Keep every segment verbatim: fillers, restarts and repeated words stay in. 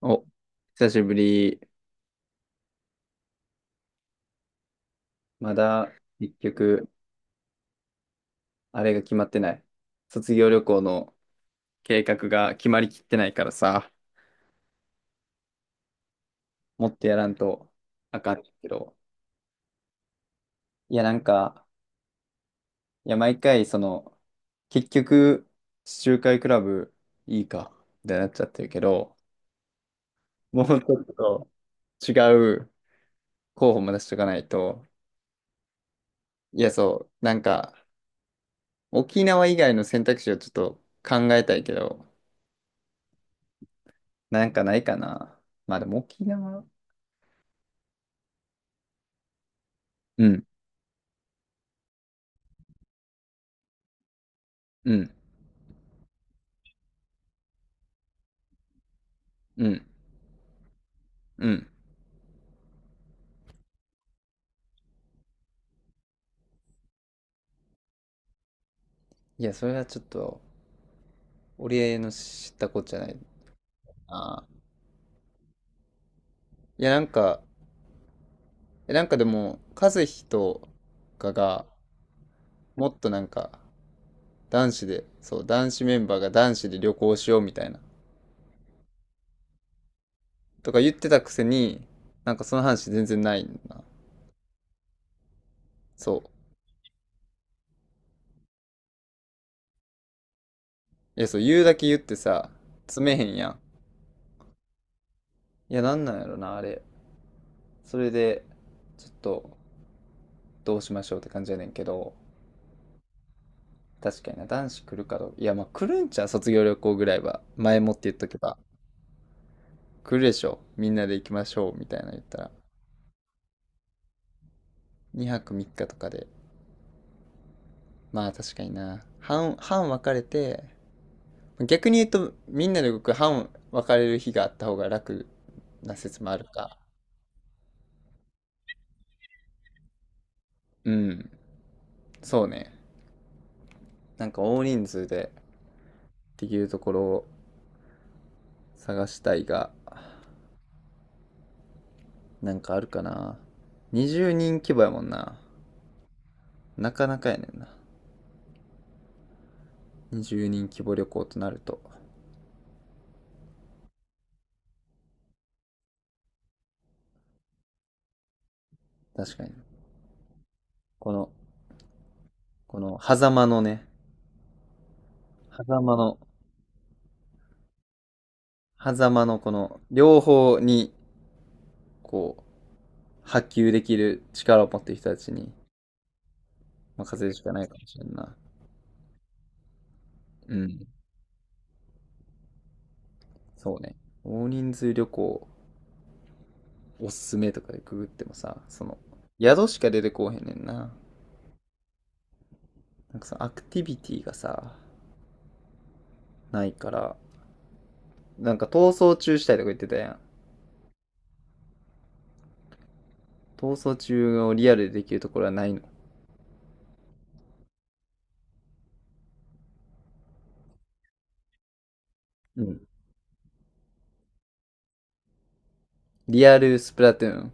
お、久しぶり。まだ、結局、あれが決まってない。卒業旅行の計画が決まりきってないからさ、もっとやらんとあかんけど。いや、なんか、いや、毎回、その、結局、地中海クラブいいか、みたいになっちゃってるけど、もうちょっと違う候補も出しとかないと。いや、そう、なんか、沖縄以外の選択肢をちょっと考えたいけど、なんかないかな。まあでも沖縄うん、うん、うん、うん。いや、それはちょっと、俺の知ったことじゃない。あーいや、なんか、えなんかでも、和樹とかが、もっとなんか、男子で、そう、男子メンバーが男子で旅行しようみたいな、とか言ってたくせに、なんかその話全然ないんだな。そう。いや、そう、言うだけ言ってさ、詰めへんやん。いや、なんなんやろな、あれ。それで、ちょっと、どうしましょうって感じやねんけど、確かにな、男子来るかどうか。いや、まあ来るんちゃう、卒業旅行ぐらいは。前もって言っとけば。来るでしょ。みんなで行きましょう。みたいなの言ったら。にはくみっかとかで。まあ確かにな。半、半分かれて、逆に言うと、みんなで動く半分かれる日があった方が楽な説もあるか。うん。そうね。なんか大人数でできるところを探したいが、なんかあるかな。にじゅうにん規模やもんな。なかなかやねんな。にじゅうにん規模旅行となると。確かに。この、この、狭間のね、狭間の、狭間のこの、両方に、こう、波及できる力を持っている人たちに任せるしかないかもしれんな。うん。そうね。大人数旅行、おすすめとかでググってもさ、その、宿しか出てこうへんねんな。なんかそのアクティビティがさ、ないから、なんか逃走中したいとか言ってたやん。逃走中をリアルでできるところはないの。うん。リアルスプラトゥーン。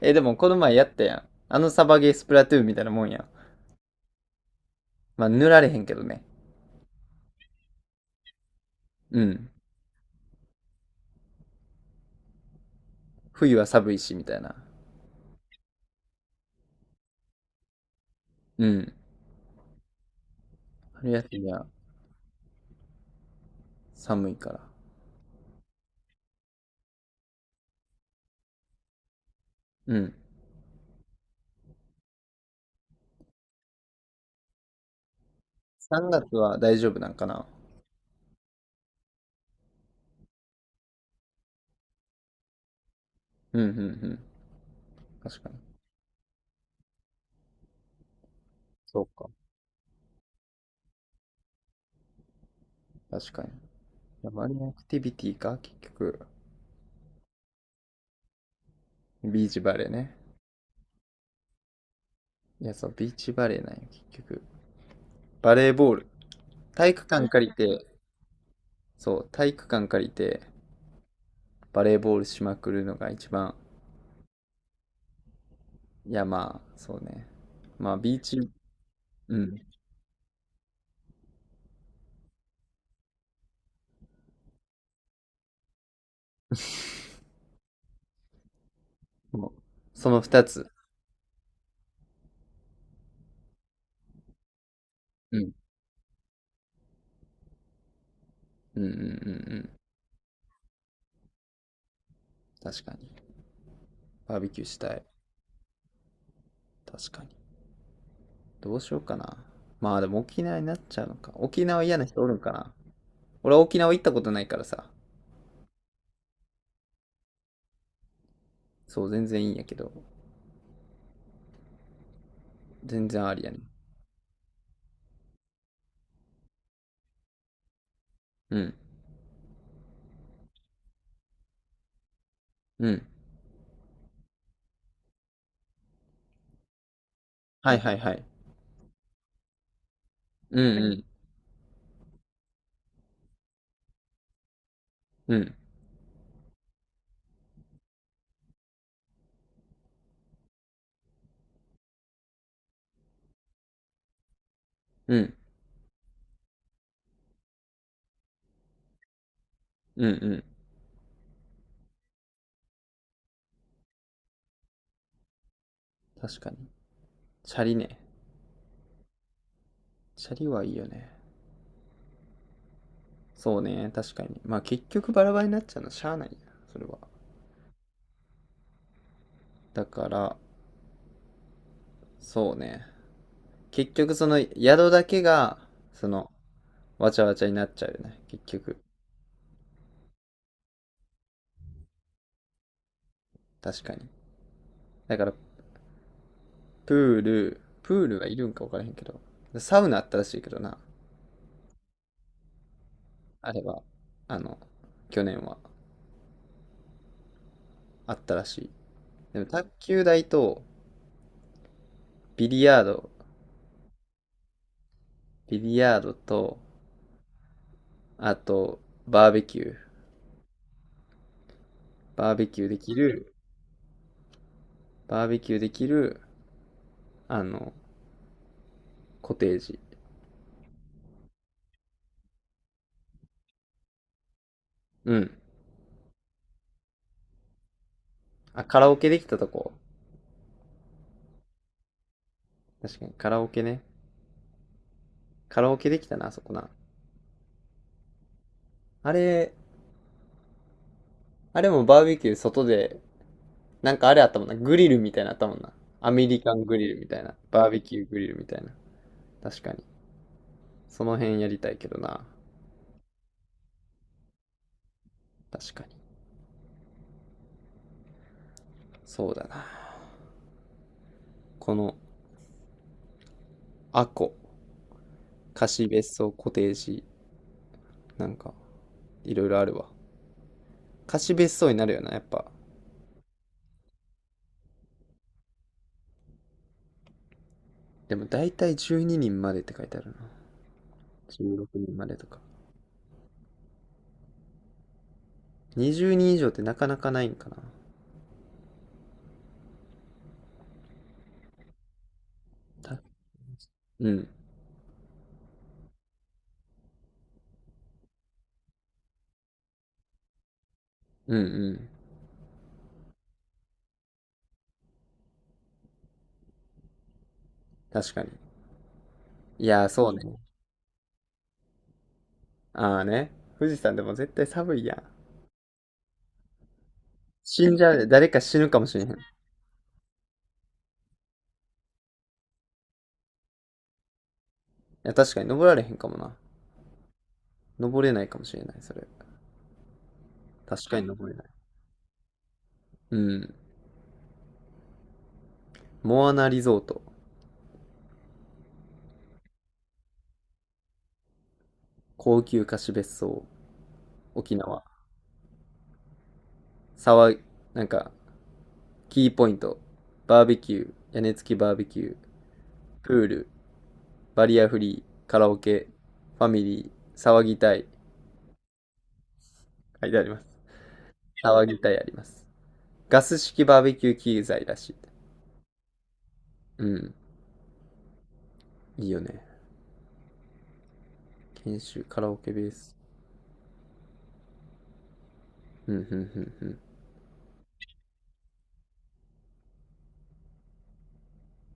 え、でもこの前やったやん。あのサバゲースプラトゥーンみたいなもんやん。まあ、塗られへんけどね。うん。冬は寒いし、みたいな。うん。春休みは寒いから。うん。さんがつは大丈夫なんかな。うん、うん、うん。確かに。そうか。確かに。いやマリンアクティビティか結局。ビーチバレーね。いや、そう、ビーチバレーなんよ、結局。バレーボール。体育館借りて、そう、体育館借りて、バレーボールしまくるのが一番。いや、まあ、そうね。まあ、ビーチうん。もうその二つ。うん。うんうんうんうん。確かに。バーベキューしたい。確かに。どうしようかな。まあでも沖縄になっちゃうのか。沖縄嫌な人おるんかな。俺は沖縄行ったことないからさ。そう、全然いいんやけど。全然ありやね。うん。うん。はいはいはい。うんうん。うん。うん。うんうん。確かに。チャリね。チャリはいいよね。そうね。確かに。まあ結局バラバラになっちゃうのしゃあないな。それは。だから、そうね。結局その宿だけが、その、わちゃわちゃになっちゃうよね。結局。確かに。だから、プール、プールはいるんか分からへんけど。サウナあったらしいけどな。あれは、あの、去年はあったらしい。でも、卓球台と、ビリヤード、ビリヤードと、あと、バーベキュー。バーベキューできる、バーベキューできる、あの、コテージ。うん。あ、カラオケできたとこ。確かに、カラオケね。カラオケできたな、あそこな。あれ、あれもバーベキュー外で、なんかあれあったもんな。グリルみたいなのあったもんな。アメリカングリルみたいな。バーベキューグリルみたいな。確かに。その辺やりたいけどな。確かに。そうだな。この、アコ、貸別荘、コテージ、なんか、いろいろあるわ。貸別荘になるよな、やっぱ。でも大体じゅうににんまでって書いてあるな。じゅうろくにんまでとか。にじゅうにん以上ってなかなかないんかな。たうん。うんうん。確かに。いやー、そうね。ああね。富士山でも絶対寒いやん。死んじゃうで、誰か死ぬかもしれへん。いや、確かに登られへんかもな。登れないかもしれない、それ。確かに登れない。うん。モアナリゾート。高級貸し別荘。沖縄。騒い、なんか、キーポイント。バーベキュー。屋根付きバーベキュー。プール。バリアフリー。カラオケ。ファミリー。騒ぎたい。書いてあります。騒ぎたいあります。ガス式バーベキュー機材らしい。うん。いいよね。研修、カラオケベース。うん、うん、うん、うん。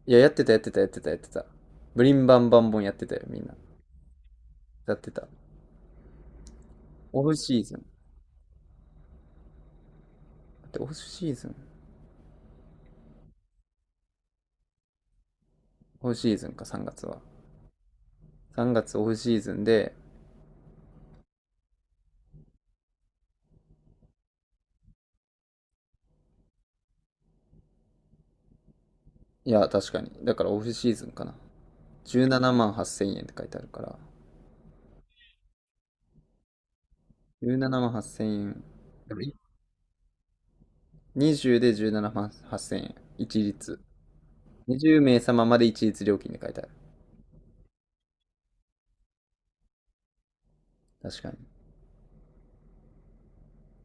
いや、やってた、やってた、やってた、やってた。ブリンバンバンボンやってたよ、みんな。やってた。オフシーズン。だってオフシーズンオフシーズンか、さんがつは。さんがつオフシーズンで、いや、確かに。だからオフシーズンかな。じゅうななまんはっせん円っせんえんって書いてあるから。じゅうななまんはっせん円。にじゅうでじゅうななまんはっせん円。一律。にじゅう名様ままで一律料金で書いてある。確かに。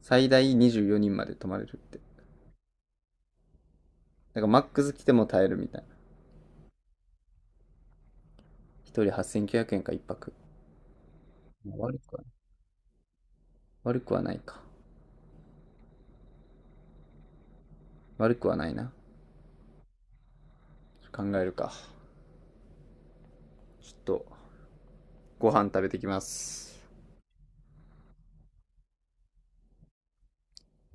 最大にじゅうよにんまで泊まれるって。だからマックス来ても耐えるみたいな。一人はっせんきゅうひゃくえんか一泊。悪くは、悪くはないか。悪くはないな。考えるか。ちょっと、ご飯食べてきます。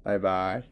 バイバイ。